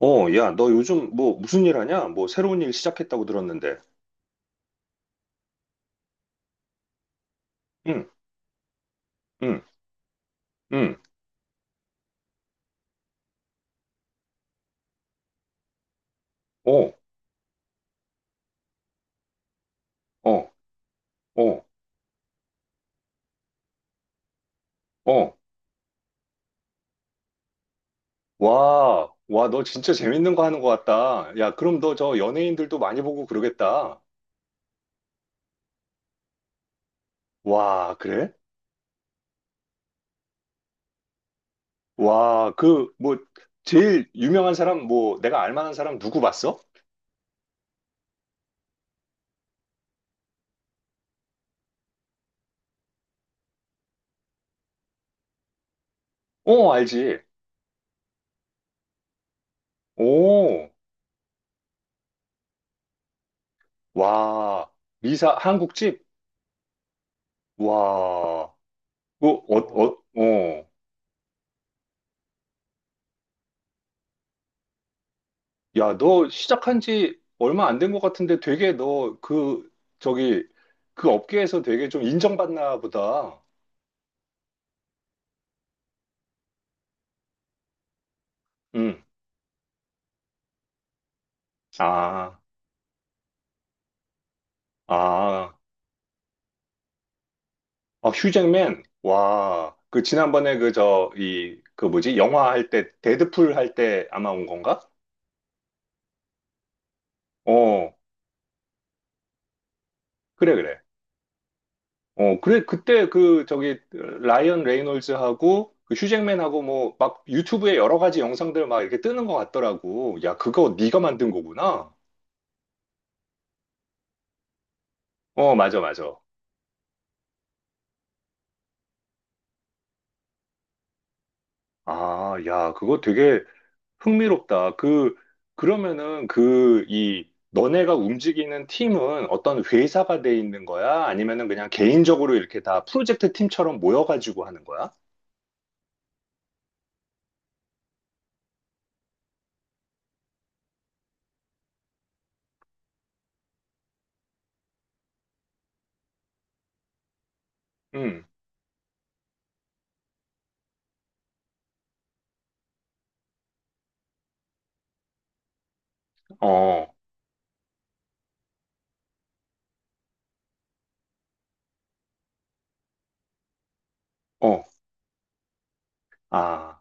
야, 너 요즘 뭐 무슨 일 하냐? 뭐 새로운 일 시작했다고 들었는데. 응, 응, 응. 어, 어, 어, 어. 와, 와, 너 진짜 재밌는 거 하는 것 같다. 야, 그럼 너 저 연예인들도 많이 보고 그러겠다. 와, 그래? 와, 그, 뭐, 제일 유명한 사람, 뭐, 내가 알 만한 사람 누구 봤어? 어, 알지. 오, 와, 미사 한국집? 와, 그 어, 어, 어. 야, 너 시작한 지 얼마 안 된 것 같은데 되게 너 그, 저기, 그 업계에서 되게 좀 인정받나 보다. 응. 아, 아, 아, 휴잭맨. 와, 그 지난번에 그 저, 이, 그 뭐지? 영화 할 때, 데드풀 할 때 아마 온 건가? 어, 그래, 그래. 어, 그래, 그때 그 저기, 라이언 레이놀즈하고 그 휴잭맨하고 뭐 막 유튜브에 여러 가지 영상들 막 이렇게 뜨는 것 같더라고. 야, 그거 네가 만든 거구나. 어, 맞아, 맞아. 아, 야, 그거 되게 흥미롭다. 그, 그러면은 그, 이, 너네가 움직이는 팀은 어떤 회사가 돼 있는 거야? 아니면은 그냥 개인적으로 이렇게 다 프로젝트 팀처럼 모여가지고 하는 거야? 응, 어, 어, 아,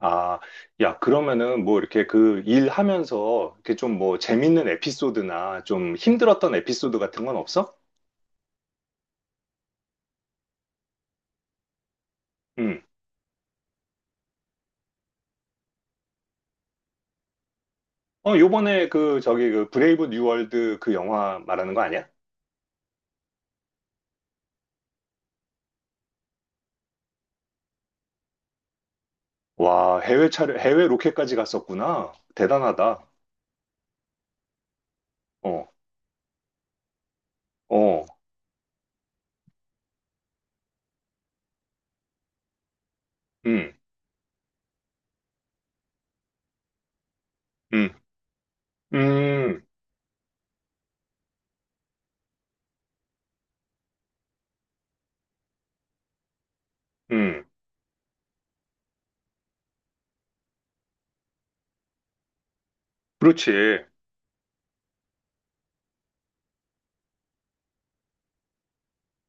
아, 야, 그러면은 뭐 이렇게 그 일하면서 이렇게 좀 뭐 재밌는 에피소드나 좀 힘들었던 에피소드 같은 건 없어? 응. 어, 요번에 그 저기 그 브레이브 뉴 월드 그 영화 말하는 거 아니야? 와, 해외 차례, 해외 로켓까지 갔었구나. 대단하다. 어, 어, 음, 음, 음, 음. 그렇지.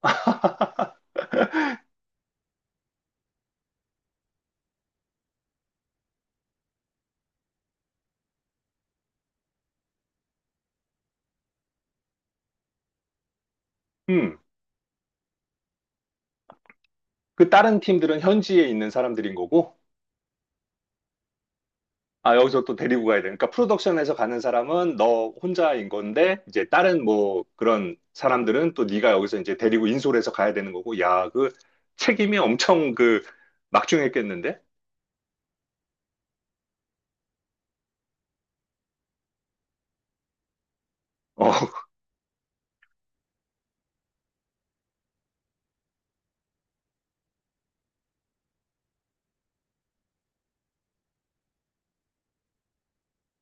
음. 그 다른 팀들은 현지에 있는 사람들인 거고, 아, 여기서 또 데리고 가야 돼. 그러니까 프로덕션에서 가는 사람은 너 혼자인 건데, 이제 다른 뭐 그런 사람들은 또 네가 여기서 이제 데리고 인솔해서 가야 되는 거고, 야, 그 책임이 엄청 그 막중했겠는데? 어,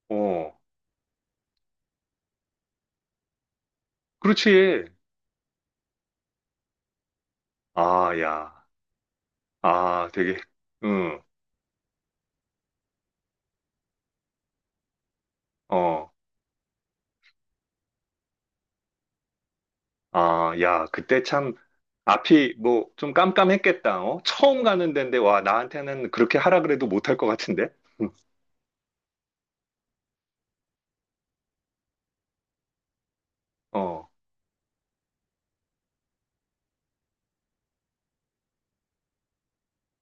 어. 그렇지. 아, 야. 아, 되게. 음. 어, 아, 야, 그때 참, 앞이 뭐 좀 깜깜했겠다, 어? 처음 가는 데인데, 와, 나한테는 그렇게 하라 그래도 못할 것 같은데? 음, 어,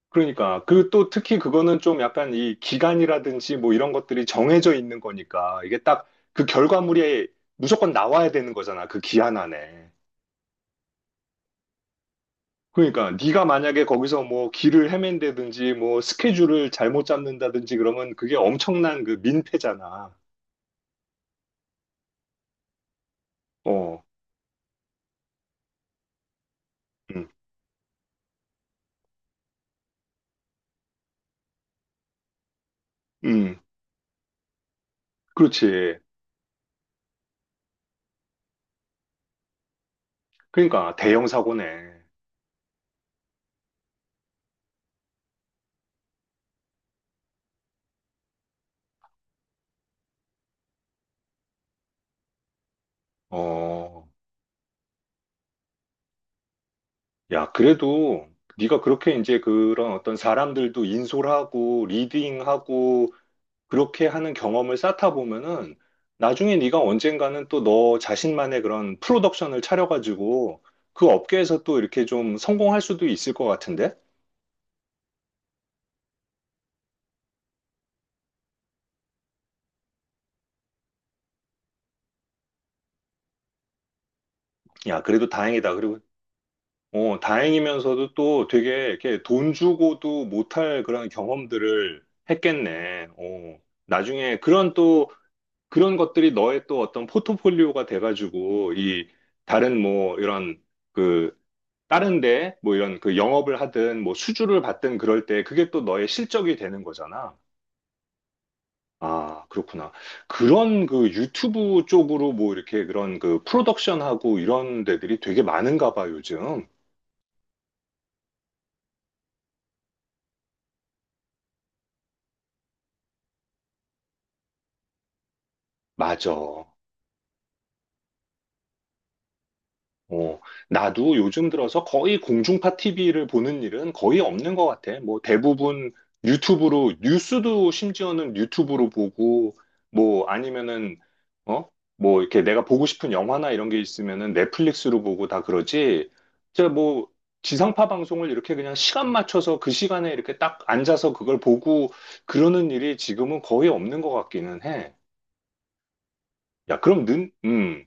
그러니까. 그 또 특히 그거는 좀 약간 이 기간이라든지 뭐 이런 것들이 정해져 있는 거니까, 이게 딱 그 결과물이 무조건 나와야 되는 거잖아, 그 기한 안에. 그러니까 네가 만약에 거기서 뭐 길을 헤맨다든지 뭐 스케줄을 잘못 잡는다든지 그러면 그게 엄청난 그 민폐잖아. 어, 음, 음, 그렇지. 그러니까 대형 사고네. 어, 야, 그래도 네가 그렇게 이제 그런 어떤 사람들도 인솔하고 리딩하고 그렇게 하는 경험을 쌓다 보면은 나중에 네가 언젠가는 또 너 자신만의 그런 프로덕션을 차려가지고 그 업계에서 또 이렇게 좀 성공할 수도 있을 것 같은데? 야, 그래도 다행이다. 그리고 어, 다행이면서도 또 되게 이렇게 돈 주고도 못할 그런 경험들을 했겠네. 어, 나중에 그런 또 그런 것들이 너의 또 어떤 포트폴리오가 돼가지고 이 다른 뭐 이런 그 다른 데 뭐 이런 그 영업을 하든 뭐 수주를 받든 그럴 때 그게 또 너의 실적이 되는 거잖아. 아, 그렇구나. 그런 그 유튜브 쪽으로 뭐 이렇게 그런 그 프로덕션하고 이런 데들이 되게 많은가 봐, 요즘. 맞아. 어, 나도 요즘 들어서 거의 공중파 TV를 보는 일은 거의 없는 것 같아. 뭐 대부분 유튜브로, 뉴스도 심지어는 유튜브로 보고, 뭐 아니면은, 어? 뭐 이렇게 내가 보고 싶은 영화나 이런 게 있으면은 넷플릭스로 보고 다 그러지. 진짜 뭐 지상파 방송을 이렇게 그냥 시간 맞춰서 그 시간에 이렇게 딱 앉아서 그걸 보고 그러는 일이 지금은 거의 없는 것 같기는 해. 야, 그럼 는,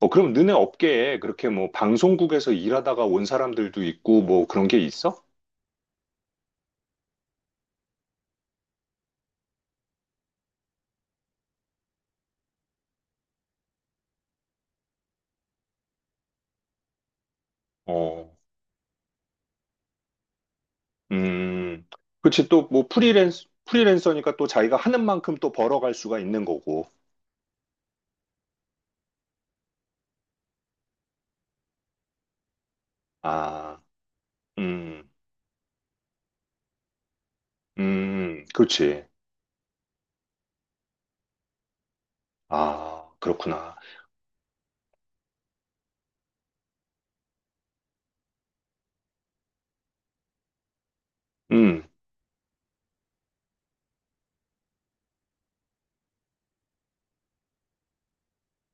어, 그럼 너네 업계에 그렇게 뭐 방송국에서 일하다가 온 사람들도 있고 뭐 그런 게 있어? 어, 음, 그렇지. 또 뭐 프리랜서, 프리랜서니까 또 자기가 하는 만큼 또 벌어갈 수가 있는 거고. 아, 음, 그렇지. 아, 그렇구나. 음,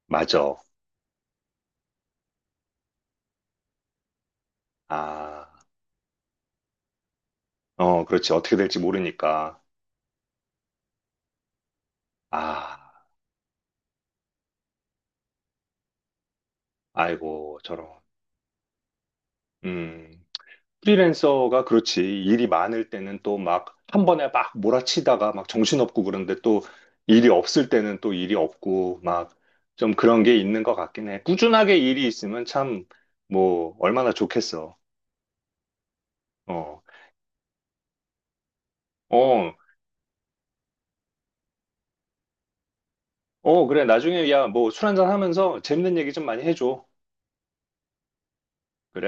맞아. 아, 어, 그렇지. 어떻게 될지 모르니까. 아, 아이고, 저런. 음 프리랜서가 그렇지. 일이 많을 때는 또 막 한 번에 막 몰아치다가 막 정신없고 그런데 또 일이 없을 때는 또 일이 없고 막 좀 그런 게 있는 것 같긴 해. 꾸준하게 일이 있으면 참 뭐 얼마나 좋겠어. 어, 어, 어, 그래. 나중에 야, 뭐 술 한잔 하면서 재밌는 얘기 좀 많이 해줘. 그래.